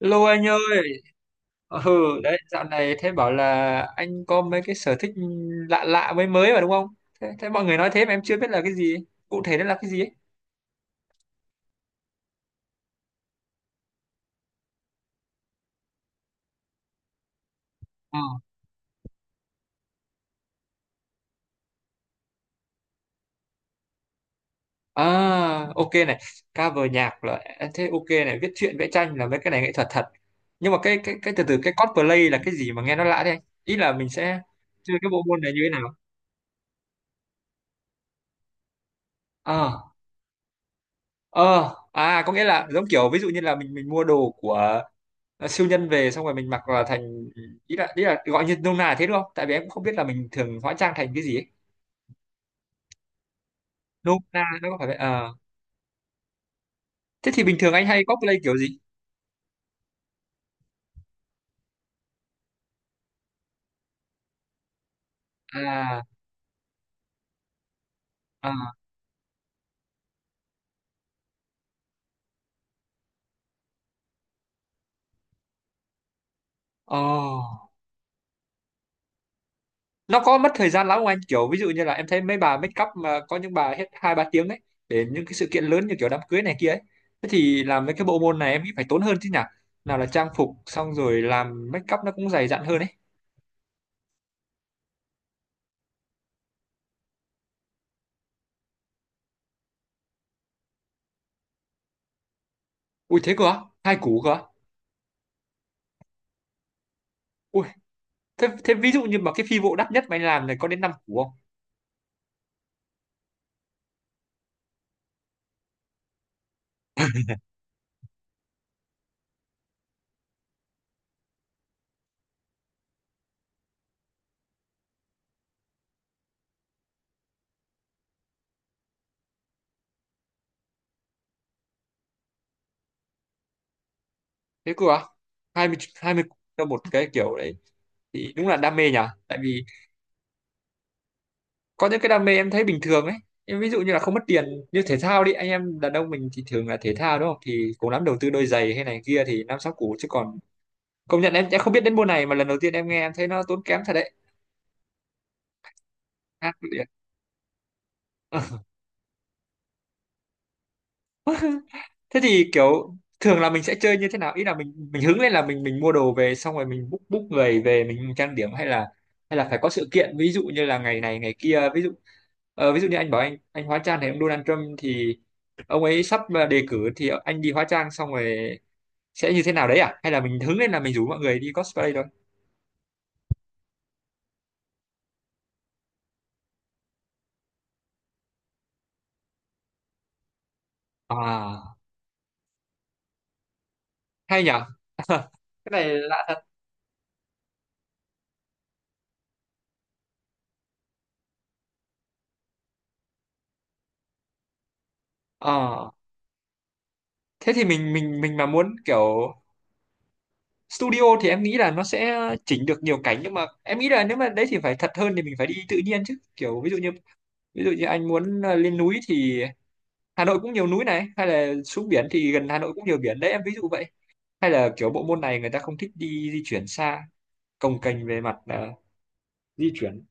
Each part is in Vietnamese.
Lô anh ơi. Ừ, đấy dạo này thế bảo là anh có mấy cái sở thích lạ lạ mới mới mà đúng không? Thế mọi người nói thế mà em chưa biết là cái gì, cụ thể nó là cái gì ấy. Ờ. À, ok này, cover nhạc là à, thế ok này, viết truyện vẽ tranh là mấy cái này nghệ thuật thật. Nhưng mà cái từ từ cái cosplay là cái gì mà nghe nó lạ thế, anh? Ý là mình sẽ chơi cái bộ môn này như thế nào? Ờ, ờ, à có nghĩa là giống kiểu ví dụ như là mình mua đồ của Ờ, siêu nhân về xong rồi mình mặc vào thành ý là gọi như nôm na là thế đúng không, tại vì em cũng không biết là mình thường hóa trang thành cái gì ấy. Nôm na nó có phải vậy. Ờ, thế thì bình thường anh hay cosplay kiểu gì? À, à, oh. Nó có mất thời gian lắm không anh, kiểu ví dụ như là em thấy mấy bà make up mà có những bà hết 2 3 tiếng ấy để những cái sự kiện lớn như kiểu đám cưới này kia ấy. Thế thì làm mấy cái bộ môn này em nghĩ phải tốn hơn chứ nhỉ, nào là trang phục xong rồi làm make up nó cũng dày dặn hơn ấy. Ui, thế cơ á? 2 củ cơ á? Ui, thế ví dụ như mà cái phi vụ đắt nhất mà anh làm này có đến 5 củ. Thế cơ à? 20 20 cho một cái kiểu đấy thì đúng là đam mê nhỉ. Tại vì có những cái đam mê em thấy bình thường ấy, em ví dụ như là không mất tiền, như thể thao đi, anh em đàn ông mình thì thường là thể thao đúng không, thì cũng lắm đầu tư đôi giày hay này kia thì 5 6 củ chứ còn công nhận em sẽ không biết đến môn này, mà lần đầu tiên em nghe em thấy nó tốn kém thật đấy. Ác liệt. Thế thì kiểu thường là mình sẽ chơi như thế nào, ý là mình hứng lên là mình mua đồ về xong rồi mình book book người về mình trang điểm, hay là phải có sự kiện ví dụ như là ngày này ngày kia. Ví dụ ví dụ như anh bảo anh hóa trang thấy ông Donald Trump thì ông ấy sắp đề cử thì anh đi hóa trang xong rồi sẽ như thế nào đấy, à hay là mình hứng lên là mình rủ mọi người đi cosplay thôi. À, hay nhở, cái này lạ thật. Ờ, thế thì mình mà muốn kiểu studio thì em nghĩ là nó sẽ chỉnh được nhiều cảnh, nhưng mà em nghĩ là nếu mà đấy thì phải thật hơn thì mình phải đi tự nhiên chứ, kiểu ví dụ như anh muốn lên núi thì Hà Nội cũng nhiều núi này, hay là xuống biển thì gần Hà Nội cũng nhiều biển đấy, em ví dụ vậy. Hay là kiểu bộ môn này người ta không thích đi di chuyển xa, cồng kềnh về mặt di chuyển.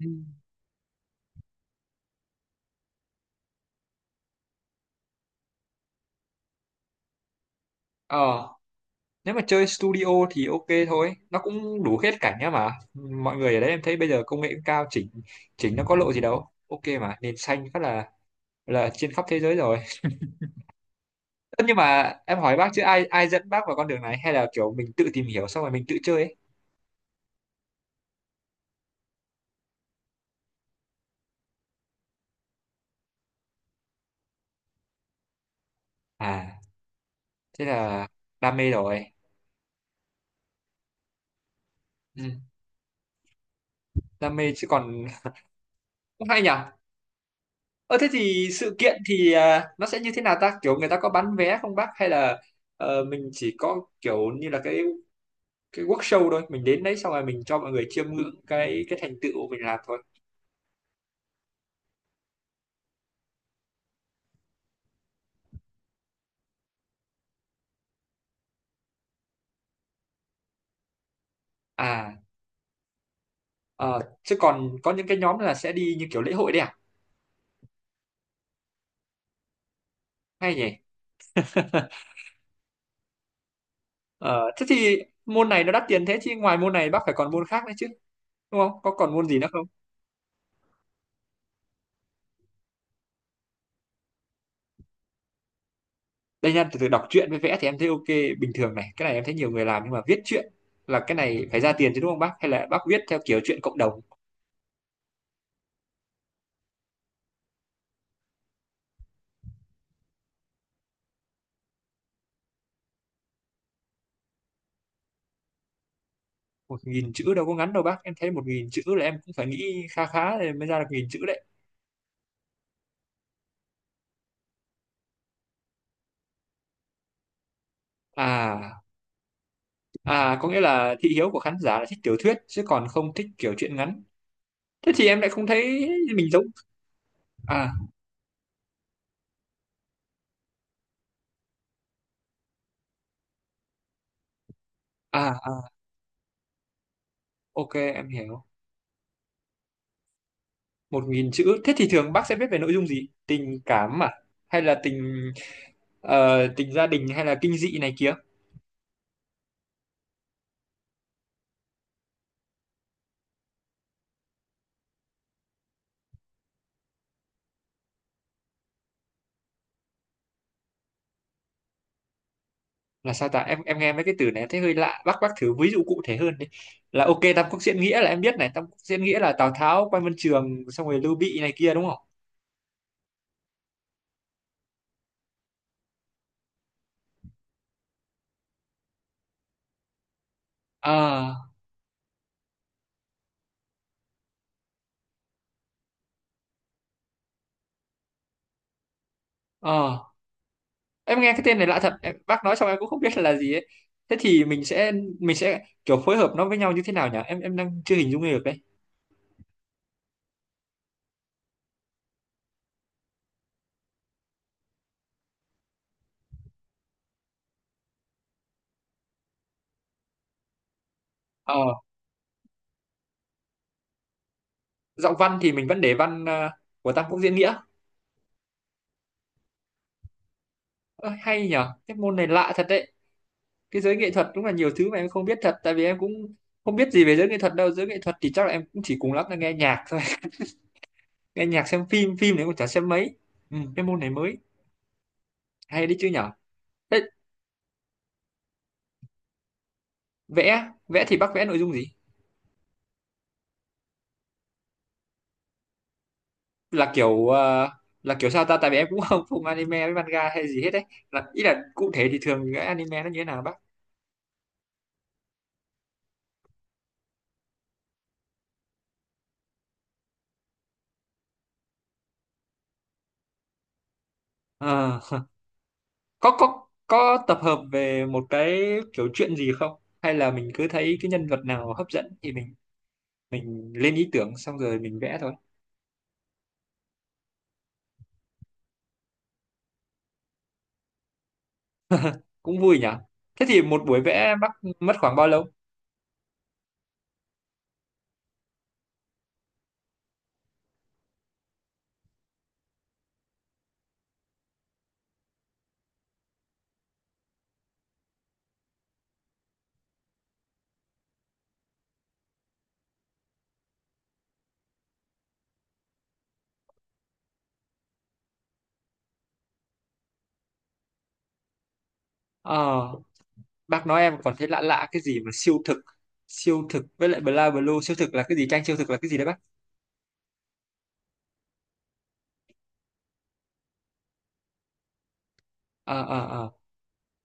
Ừ. Ờ, nếu mà chơi studio thì ok thôi, nó cũng đủ hết cảnh nhá, mà mọi người ở đấy em thấy bây giờ công nghệ cũng cao, chỉnh chỉnh nó có lộ gì đâu, ok mà nền xanh phát là trên khắp thế giới rồi. Tất nhưng mà em hỏi bác chứ ai ai dẫn bác vào con đường này hay là kiểu mình tự tìm hiểu xong rồi mình tự chơi ấy? À, thế là đam mê rồi. Ừ, đam mê chứ còn, cũng hay nhỉ. Ờ, thế thì sự kiện thì à, nó sẽ như thế nào ta? Kiểu người ta có bán vé không bác, hay là ờ, mình chỉ có kiểu như là cái workshop thôi, mình đến đấy xong rồi mình cho mọi người chiêm ngưỡng cái thành tựu mình làm thôi. À, ờ, chứ còn có những cái nhóm là sẽ đi như kiểu lễ hội đấy à? Hay nhỉ? Ờ, thế thì môn này nó đắt tiền thế, chứ ngoài môn này bác phải còn môn khác nữa chứ, đúng không, có còn môn gì nữa không? Đây nha, từ từ, đọc truyện với vẽ thì em thấy ok, bình thường này, cái này em thấy nhiều người làm, nhưng mà viết truyện là cái này phải ra tiền chứ đúng không bác, hay là bác viết theo kiểu truyện cộng đồng? 1.000 chữ đâu có ngắn đâu bác, em thấy 1.000 chữ là em cũng phải nghĩ khá khá để mới ra được 1.000 chữ đấy. À, à có nghĩa là thị hiếu của khán giả là thích tiểu thuyết chứ còn không thích kiểu truyện ngắn, thế thì em lại không thấy mình giống. À, à ok, em hiểu. 1.000 chữ thế thì thường bác sẽ viết về nội dung gì, tình cảm à, hay là tình ờ, tình gia đình hay là kinh dị này kia? Là sao ta, em nghe mấy cái từ này thấy hơi lạ bác thử ví dụ cụ thể hơn đi. Là ok, Tam Quốc diễn nghĩa là em biết này, Tam Quốc diễn nghĩa là Tào Tháo, Quan Vân Trường xong rồi Lưu Bị này kia đúng không? À, à em nghe cái tên này lạ thật em, bác nói xong em cũng không biết là gì ấy. Thế thì mình sẽ kiểu phối hợp nó với nhau như thế nào nhỉ, em đang chưa hình dung được đấy. Ờ, giọng văn thì mình vẫn để văn ờ, của Tam Quốc diễn nghĩa. Ơ, hay nhở, cái môn này lạ thật đấy, cái giới nghệ thuật đúng là nhiều thứ mà em không biết thật, tại vì em cũng không biết gì về giới nghệ thuật đâu, giới nghệ thuật thì chắc là em cũng chỉ cùng lắm là nghe nhạc thôi. Nghe nhạc, xem phim, phim đấy em cũng chả xem mấy. Ừ, cái môn này mới hay đấy chứ nhở. Thế vẽ, vẽ thì bác vẽ nội dung gì, là kiểu ờ, là kiểu sao ta, tại vì em cũng không không anime với manga hay gì hết đấy, là ý là cụ thể thì thường cái anime nó như thế nào bác? Ờ, có tập hợp về một cái kiểu chuyện gì không, hay là mình cứ thấy cái nhân vật nào hấp dẫn thì mình lên ý tưởng xong rồi mình vẽ thôi? Cũng vui nhỉ. Thế thì một buổi vẽ bác mất khoảng bao lâu? Ờ, bác nói em còn thấy lạ lạ cái gì mà siêu thực, siêu thực với lại bla blue, siêu thực là cái gì, tranh siêu thực là cái gì đấy bác? Ờ.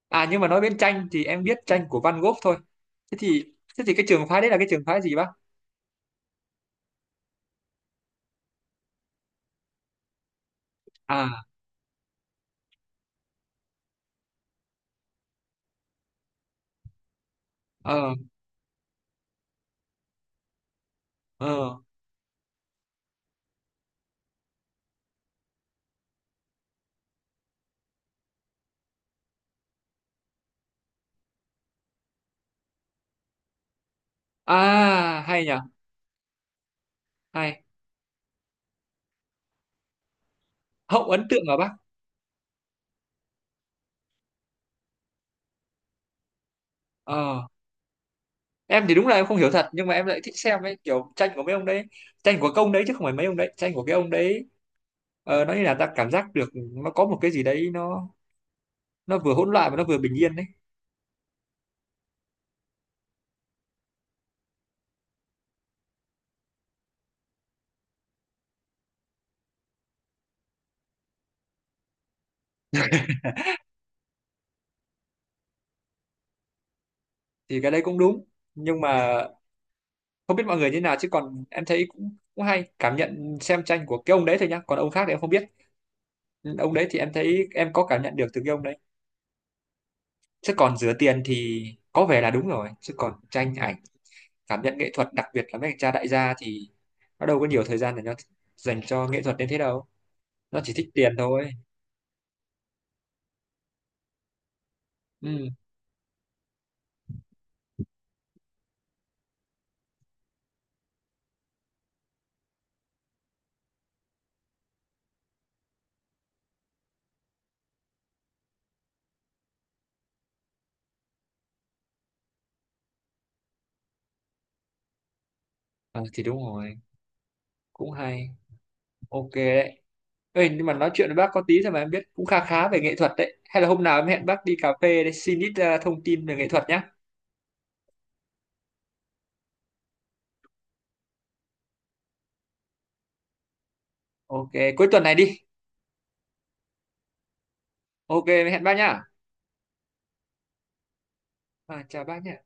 À nhưng mà nói đến tranh thì em biết tranh của Van Gogh thôi, thế thì thế thì cái trường phái đấy là cái trường phái gì bác? À, ờ, ờ. À hay nhỉ, hay. Hậu ấn tượng hả bác? Ờ, em thì đúng là em không hiểu thật nhưng mà em lại thích xem ấy, kiểu tranh của mấy ông đấy, tranh của công đấy, chứ không phải mấy ông đấy, tranh của cái ông đấy. Ờ, nó như là ta cảm giác được nó có một cái gì đấy, nó vừa hỗn loạn và nó vừa bình yên đấy. Thì cái đấy cũng đúng, nhưng mà không biết mọi người như nào, chứ còn em thấy cũng cũng hay cảm nhận xem tranh của cái ông đấy thôi nhá, còn ông khác thì em không biết. Ừ, ông đấy thì em thấy em có cảm nhận được từ cái ông đấy, chứ còn rửa tiền thì có vẻ là đúng rồi, chứ còn tranh ảnh, cảm nhận nghệ thuật đặc biệt là mấy anh cha đại gia thì nó đâu có nhiều thời gian để nó dành cho nghệ thuật đến thế đâu, nó chỉ thích tiền thôi. Ừ. Ờ, thì đúng rồi, cũng hay, ok đấy. Ê, nhưng mà nói chuyện với bác có tí thôi mà em biết cũng khá khá về nghệ thuật đấy. Hay là hôm nào em hẹn bác đi cà phê để xin ít thông tin về nghệ thuật nhá. Ok, cuối tuần này đi. Ok, em hẹn bác nhá. À, chào bác nhá.